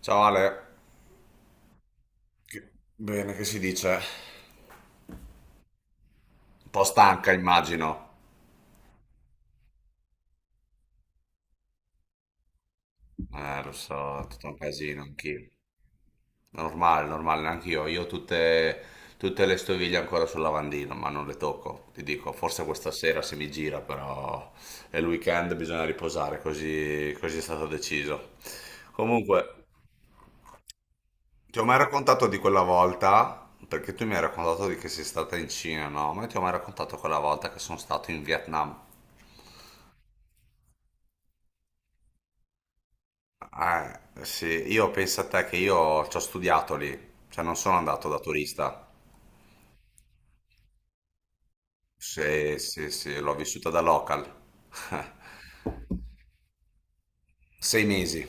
Ciao Ale, Che- bene, che si dice? Un po' stanca immagino. Lo so, è tutto un casino anch'io. Normale, normale, anch'io. Io ho tutte le stoviglie ancora sul lavandino, ma non le tocco. Ti dico, forse questa sera se mi gira, però è il weekend, bisogna riposare, così, così è stato deciso. Comunque, ti ho mai raccontato di quella volta, perché tu mi hai raccontato di che sei stata in Cina, no? Ma io ti ho mai raccontato quella volta che sono stato in Vietnam. Ah, sì, io penso a te che io ci ho studiato lì, cioè non sono andato da turista. Sì, sì, sì, l'ho vissuta da local. 6 mesi.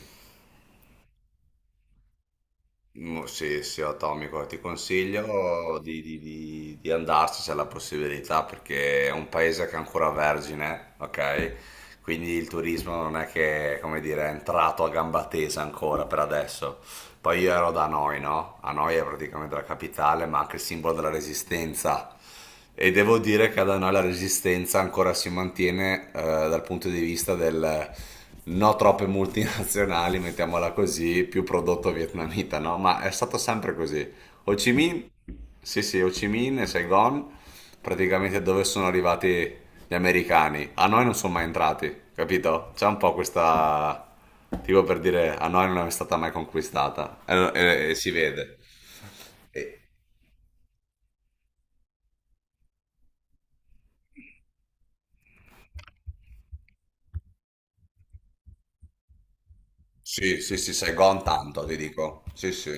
Mm, sì, sì, atomico. Ti consiglio di andarci se hai la possibilità, perché è un paese che è ancora vergine, ok? Quindi il turismo non è che, come dire, è entrato a gamba tesa ancora per adesso. Poi io ero da Hanoi, no? Hanoi è praticamente la capitale, ma anche il simbolo della resistenza. E devo dire che ad Hanoi la resistenza ancora si mantiene, dal punto di vista del no troppe multinazionali, mettiamola così, più prodotto vietnamita, no? Ma è stato sempre così. Ho Chi Minh, sì sì, Ho Chi Minh e Saigon, praticamente dove sono arrivati gli americani. A noi non sono mai entrati, capito? C'è un po' questa... Tipo per dire, a noi non è stata mai conquistata. E si vede. E- sì, sì, sì, Saigon tanto, ti dico. Sì, sì.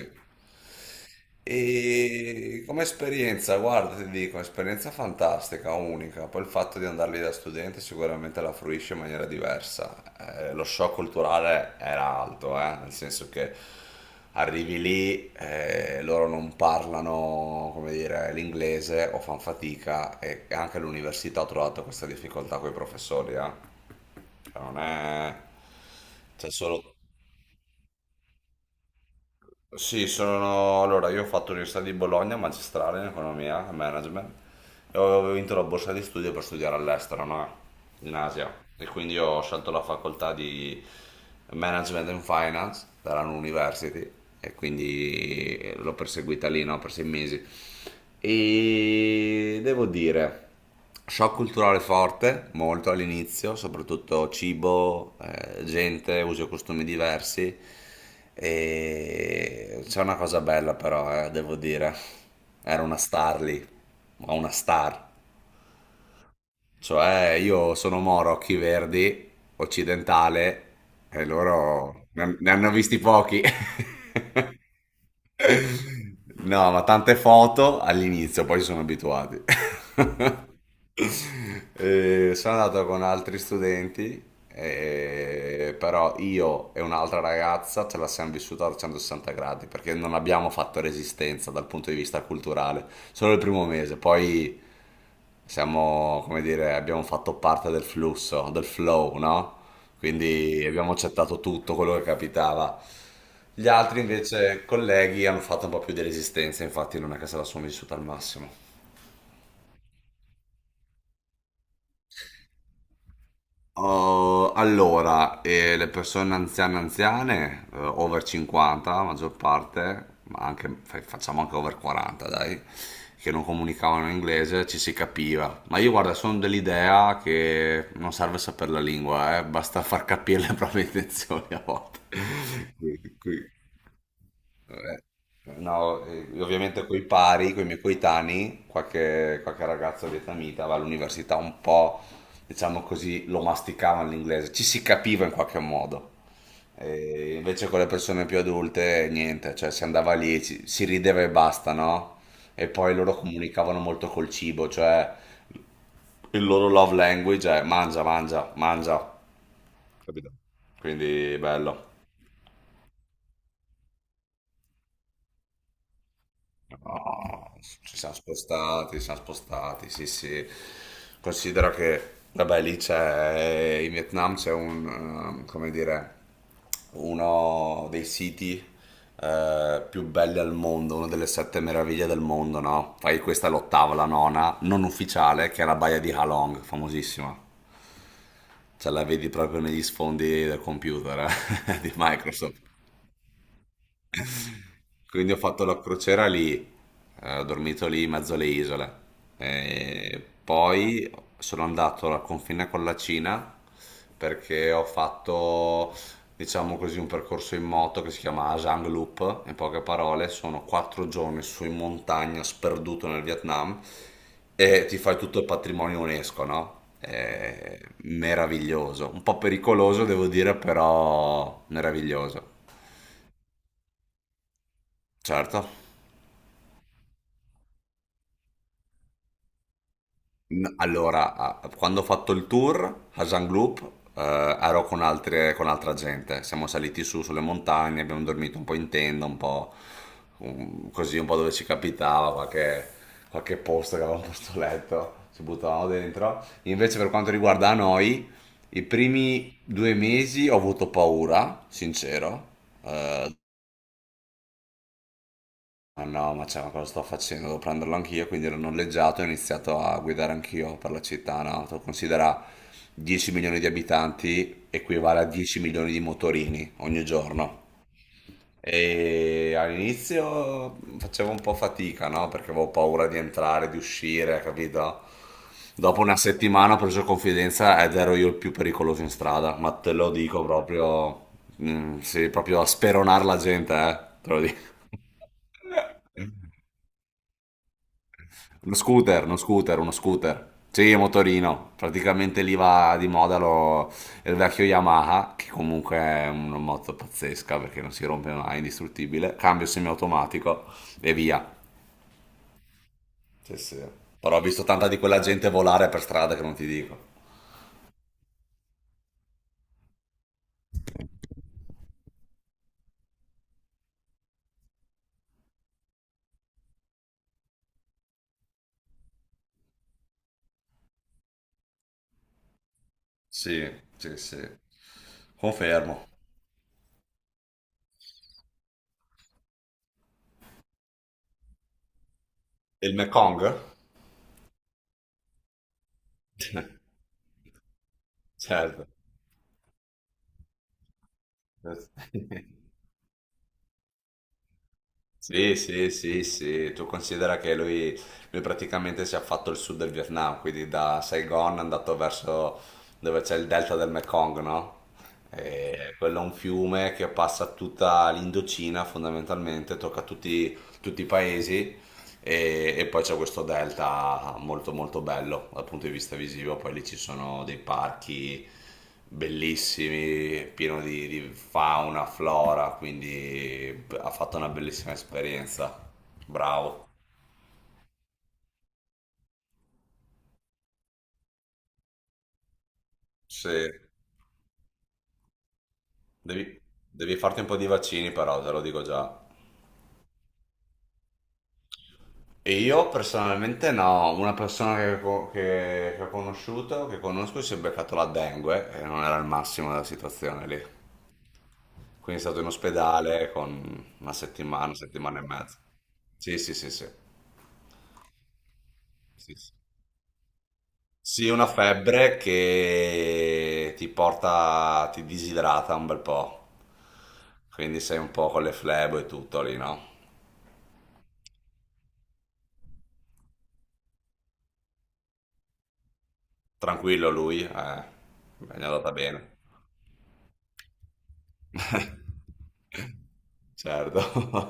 E come esperienza, guarda, ti dico, esperienza fantastica, unica. Poi il fatto di andare lì da studente sicuramente la fruisce in maniera diversa. Lo shock culturale era alto, nel senso che arrivi lì, loro non parlano, come dire, l'inglese o fanno fatica e anche l'università ha trovato questa difficoltà con i professori, eh. Cioè, non è... C'è solo... Sì, sono... Allora, io ho fatto l'Università di Bologna, magistrale in economia e management, e avevo vinto la borsa di studio per studiare all'estero, no? In Asia. E quindi ho scelto la facoltà di Management and Finance dalla University e quindi l'ho perseguita lì, no? Per 6 mesi. E devo dire shock culturale forte, molto all'inizio, soprattutto cibo, gente, usi e costumi diversi. E c'è una cosa bella però, devo dire. Era una star lì, ma una star. Cioè, io sono moro, occhi verdi, occidentale, e loro ne hanno visti pochi. No, ma tante foto all'inizio, poi si sono abituati. Sono andato con altri studenti, però io e un'altra ragazza ce la siamo vissuta a 160 gradi perché non abbiamo fatto resistenza dal punto di vista culturale, solo il primo mese, poi siamo, come dire, abbiamo fatto parte del flusso, del flow, no? Quindi abbiamo accettato tutto quello che capitava. Gli altri invece colleghi hanno fatto un po' più di resistenza, infatti non è che se la sono vissuta al massimo. Oh, allora, le persone anziane, anziane, over 50, la maggior parte, ma anche, facciamo anche over 40, dai, che non comunicavano in inglese, ci si capiva. Ma io, guarda, sono dell'idea che non serve sapere la lingua, basta far capire le proprie intenzioni a volte. Qui- qui- eh, No, ovviamente coi pari, coi miei coetanei, qualche ragazzo vietnamita va all'università un po', diciamo così, lo masticavano l'inglese, ci si capiva in qualche modo. E invece con le persone più adulte, niente, cioè si andava lì, si rideva e basta, no? E poi loro comunicavano molto col cibo, cioè il loro love language è mangia, mangia, mangia. Capito? Quindi bello. Ah, ci siamo spostati, sì, sì. Considera che, vabbè, lì c'è, in Vietnam c'è come dire, uno dei siti, più belli al mondo, una delle sette meraviglie del mondo, no? Poi questa è l'ottava, la nona, non ufficiale, che è la baia di Ha Long, famosissima. Ce la vedi proprio negli sfondi del computer, di Microsoft. Quindi ho fatto la crociera lì, ho dormito lì in mezzo alle isole. E poi sono andato al confine con la Cina perché ho fatto, diciamo così, un percorso in moto che si chiama Asang Loop. In poche parole, sono 4 giorni su in montagna, sperduto nel Vietnam, e ti fai tutto il patrimonio UNESCO, no? È meraviglioso, un po' pericoloso devo dire, però meraviglioso. Certo. Allora, quando ho fatto il tour a Jean Group, ero con con altra gente. Siamo saliti su sulle montagne, abbiamo dormito un po' in tenda, un po' così, un po' dove ci capitava, qualche posto che avevamo posto letto, ci buttavamo dentro. Invece, per quanto riguarda noi, i primi 2 mesi ho avuto paura, sincero. Ma no, ma, cioè, ma cosa sto facendo? Devo prenderlo anch'io, quindi l'ho noleggiato e ho iniziato a guidare anch'io per la città, no? Tu considera 10 milioni di abitanti equivale a 10 milioni di motorini ogni giorno. E all'inizio facevo un po' fatica, no? Perché avevo paura di entrare, di uscire, capito? Dopo una settimana ho preso confidenza ed ero io il più pericoloso in strada, ma te lo dico proprio, mm, sì, proprio a speronare la gente, te lo dico. Uno scooter, uno scooter, uno scooter. Sì, motorino. Praticamente lì va di moda il vecchio Yamaha, che comunque è una moto pazzesca perché non si rompe mai, è indistruttibile. Cambio semiautomatico e via. Sì, sì. Però ho visto tanta di quella gente volare per strada che non ti dico. Sì, sì, sì. Confermo. E il Mekong? Certo. Sì, sì, sì, sì, tu considera che lui praticamente si è fatto il sud del Vietnam, quindi da Saigon è andato verso dove c'è il delta del Mekong, no? E quello è un fiume che passa tutta l'Indocina fondamentalmente, tocca tutti i paesi e poi c'è questo delta molto molto bello dal punto di vista visivo, poi lì ci sono dei parchi bellissimi, pieno di fauna, flora, quindi ha fatto una bellissima esperienza. Bravo. Sì, devi, devi farti un po' di vaccini però, te lo dico già. E io personalmente no, una persona che, che ho conosciuto, che conosco, si è beccato la dengue e non era il massimo della situazione lì. Quindi è stato in ospedale con una settimana e mezza. Sì, sì, sì, sì. Sì, sì. Sì, una febbre che ti porta, ti disidrata un bel po'. Quindi sei un po' con le flebo e tutto lì, no? Tranquillo lui, mi è andata bene. Certo.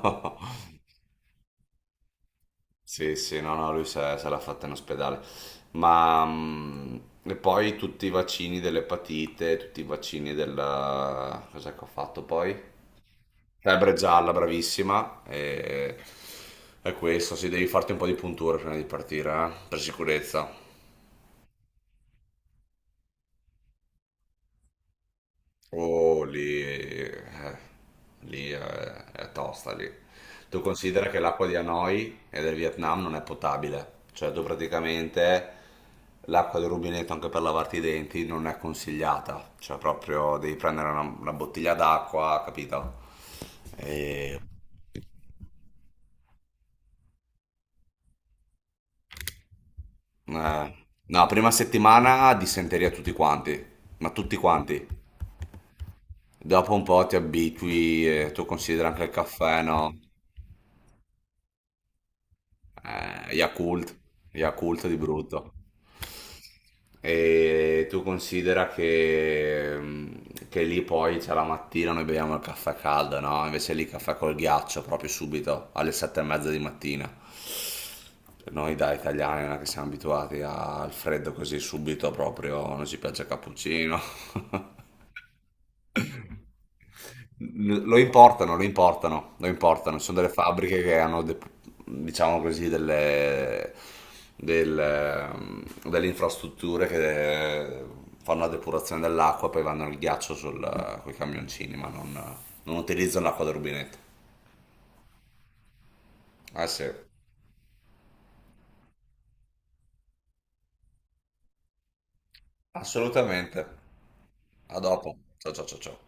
Sì, sì, no, no, lui se l'ha fatta in ospedale. Ma e poi tutti i vaccini dell'epatite, tutti i vaccini della... Cos'è che ho fatto poi? Febbre gialla, bravissima. E questo, sì, devi farti un po' di punture prima di partire, per sicurezza. Oh, lì è tosta lì. Tu considera che l'acqua di Hanoi e del Vietnam non è potabile, cioè tu praticamente l'acqua del rubinetto anche per lavarti i denti non è consigliata, cioè proprio devi prendere una bottiglia d'acqua, capito? E, eh, no, prima settimana dissenteria tutti quanti, ma tutti quanti. Dopo un po' ti abitui e tu considera anche il caffè, no? Yakult, Yakult di brutto. E tu considera che lì poi c'è la mattina, noi beviamo il caffè caldo, no? Invece lì caffè col ghiaccio proprio subito alle 7:30 di mattina. Noi da italiani non è che siamo abituati al freddo così subito, proprio non ci piace il cappuccino. Lo importano, lo importano, lo importano. Ci sono delle fabbriche che hanno, diciamo così, del, ehm, delle infrastrutture che fanno la depurazione dell'acqua, poi vanno il ghiaccio sul, con i camioncini, ma non utilizzano l'acqua del rubinetto. Ah sì, assolutamente. A dopo. Ciao ciao ciao ciao.